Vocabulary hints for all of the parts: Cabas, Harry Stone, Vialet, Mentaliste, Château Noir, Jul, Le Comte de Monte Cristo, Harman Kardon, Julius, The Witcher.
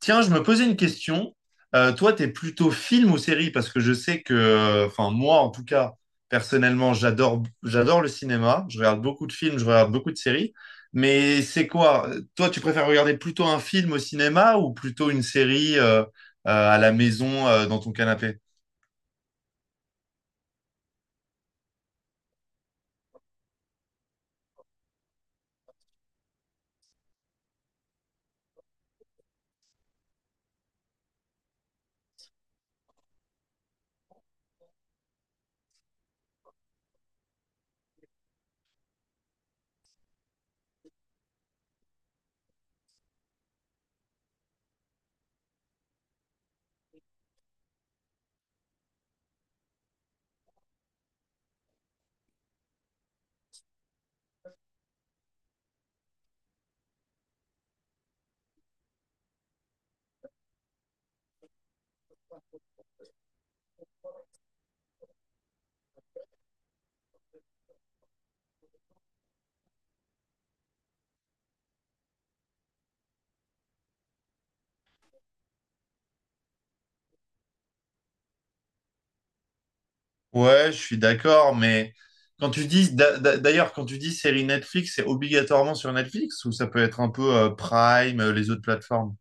Tiens, je me posais une question. Toi, t'es plutôt film ou série? Parce que je sais que, enfin, moi, en tout cas, personnellement, j'adore le cinéma. Je regarde beaucoup de films, je regarde beaucoup de séries. Mais c'est quoi? Toi, tu préfères regarder plutôt un film au cinéma ou plutôt une série à la maison, dans ton canapé? Ouais, je suis d'accord, mais quand tu dis, d'ailleurs, quand tu dis série Netflix, c'est obligatoirement sur Netflix ou ça peut être un peu Prime, les autres plateformes?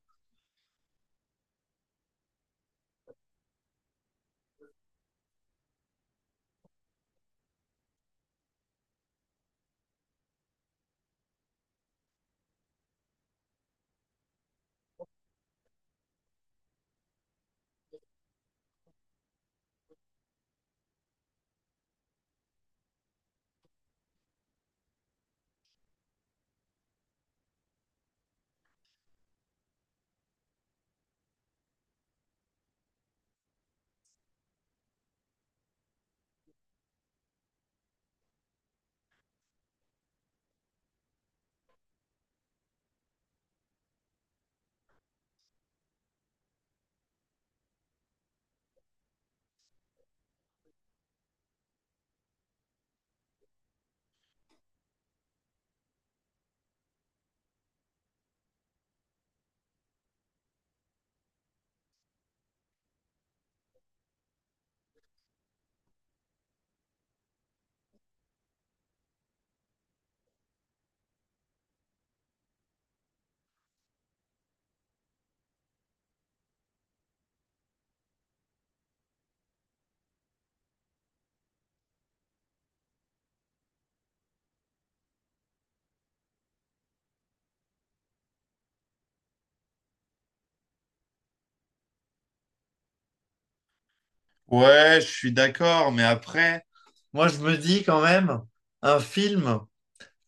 Ouais, je suis d'accord, mais après, moi je me dis quand même, un film,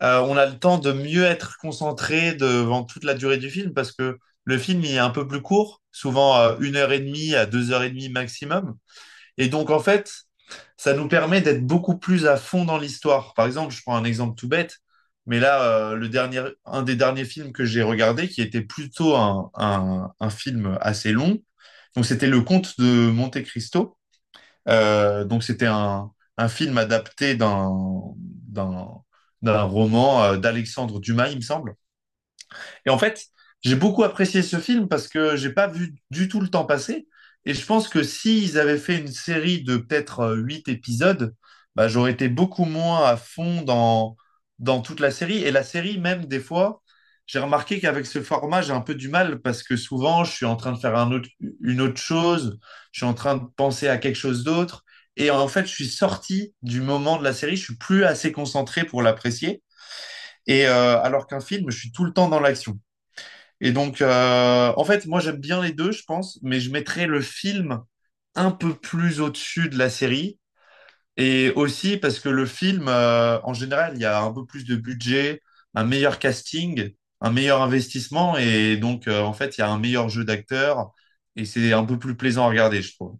on a le temps de mieux être concentré devant toute la durée du film parce que le film il est un peu plus court, souvent une heure et demie à deux heures et demie maximum. Et donc, en fait, ça nous permet d'être beaucoup plus à fond dans l'histoire. Par exemple, je prends un exemple tout bête, mais là, le dernier, un des derniers films que j'ai regardé, qui était plutôt un film assez long, donc c'était Le Comte de Monte Cristo. Donc c'était un film adapté d'un d'un roman d'Alexandre Dumas, il me semble. Et en fait, j'ai beaucoup apprécié ce film parce que j'ai pas vu du tout le temps passer. Et je pense que s'ils avaient fait une série de peut-être huit épisodes, bah, j'aurais été beaucoup moins à fond dans toute la série. Et la série, même des fois, j'ai remarqué qu'avec ce format, j'ai un peu du mal parce que souvent, je suis en train de faire une autre chose, je suis en train de penser à quelque chose d'autre. Et en fait, je suis sorti du moment de la série, je suis plus assez concentré pour l'apprécier. Et alors qu'un film, je suis tout le temps dans l'action. Et donc, en fait, moi j'aime bien les deux, je pense, mais je mettrais le film un peu plus au-dessus de la série. Et aussi parce que le film, en général, il y a un peu plus de budget, un meilleur casting, un meilleur investissement, et donc, en fait, il y a un meilleur jeu d'acteurs, et c'est un peu plus plaisant à regarder, je trouve.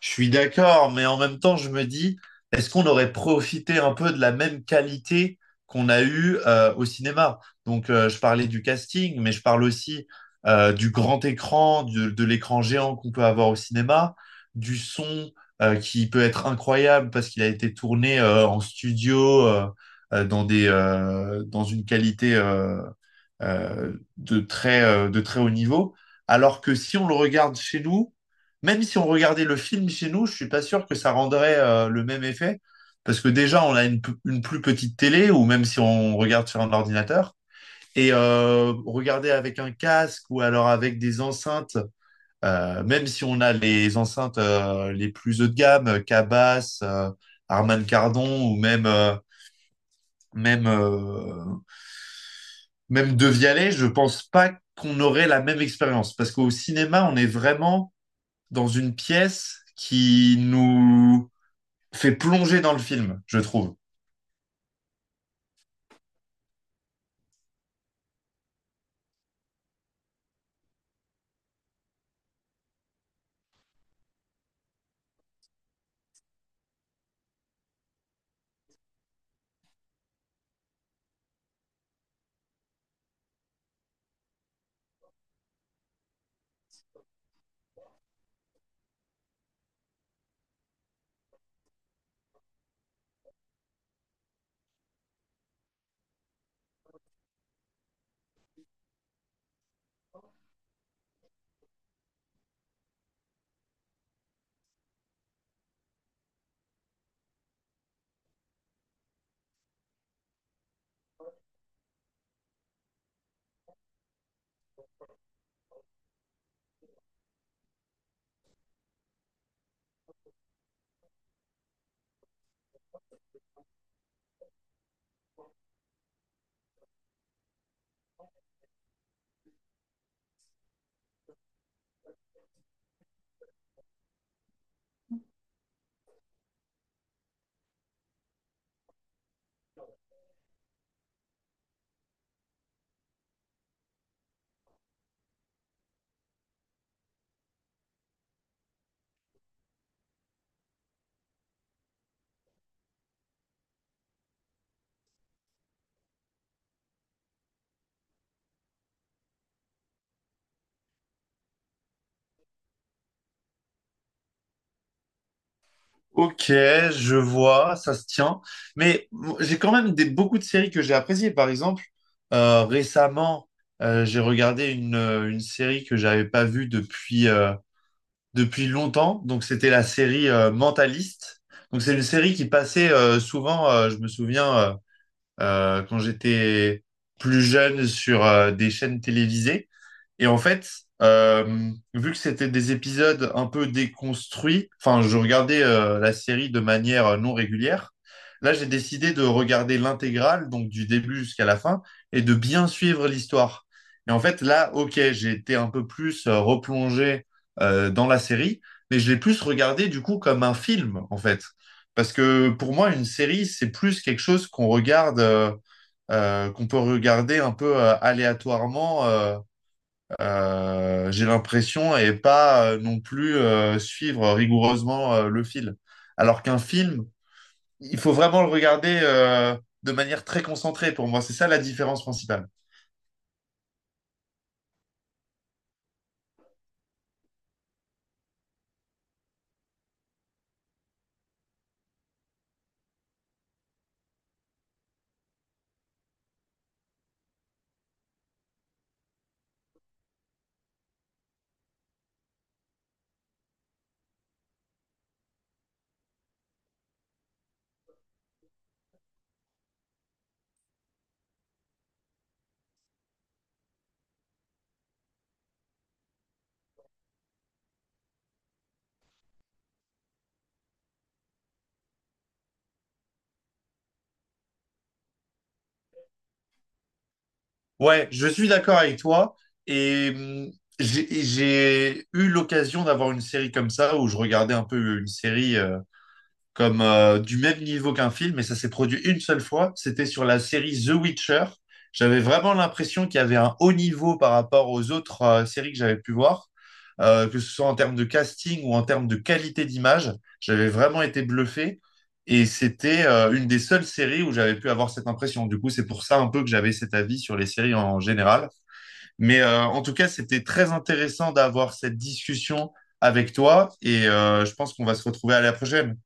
Je suis d'accord, mais en même temps, je me dis, est-ce qu'on aurait profité un peu de la même qualité qu'on a eue au cinéma? Donc, je parlais du casting, mais je parle aussi du grand écran, de l'écran géant qu'on peut avoir au cinéma, du son qui peut être incroyable parce qu'il a été tourné en studio, dans des, dans une qualité de très haut niveau. Alors que si on le regarde chez nous, même si on regardait le film chez nous, je suis pas sûr que ça rendrait le même effet. Parce que déjà, on a une plus petite télé, ou même si on regarde sur un ordinateur. Et regarder avec un casque ou alors avec des enceintes, même si on a les enceintes les plus haut de gamme, Cabas, Harman Kardon ou même euh, même de Vialet, je pense pas qu'on aurait la même expérience. Parce qu'au cinéma, on est vraiment dans une pièce qui nous fait plonger dans le film, je trouve. Ok, je vois, ça se tient. Mais j'ai quand même beaucoup de séries que j'ai appréciées. Par exemple, récemment, j'ai regardé une série que j'avais pas vue depuis, depuis longtemps. Donc, c'était la série Mentaliste. Donc, c'est une série qui passait souvent, je me souviens, quand j'étais plus jeune sur des chaînes télévisées. Et en fait, vu que c'était des épisodes un peu déconstruits, enfin, je regardais la série de manière non régulière. Là, j'ai décidé de regarder l'intégrale, donc du début jusqu'à la fin, et de bien suivre l'histoire. Et en fait, là, ok, j'ai été un peu plus replongé dans la série, mais je l'ai plus regardé du coup comme un film, en fait. Parce que pour moi, une série, c'est plus quelque chose qu'on regarde, qu'on peut regarder un peu aléatoirement, j'ai l'impression, et pas non plus suivre rigoureusement le fil. Alors qu'un film, il faut vraiment le regarder de manière très concentrée pour moi. C'est ça la différence principale. Ouais, je suis d'accord avec toi. Et j'ai eu l'occasion d'avoir une série comme ça où je regardais un peu une série. Comme du même niveau qu'un film, mais ça s'est produit une seule fois. C'était sur la série The Witcher. J'avais vraiment l'impression qu'il y avait un haut niveau par rapport aux autres séries que j'avais pu voir, que ce soit en termes de casting ou en termes de qualité d'image. J'avais vraiment été bluffé. Et c'était une des seules séries où j'avais pu avoir cette impression. Du coup, c'est pour ça un peu que j'avais cet avis sur les séries en général. Mais en tout cas, c'était très intéressant d'avoir cette discussion avec toi. Et je pense qu'on va se retrouver à la prochaine.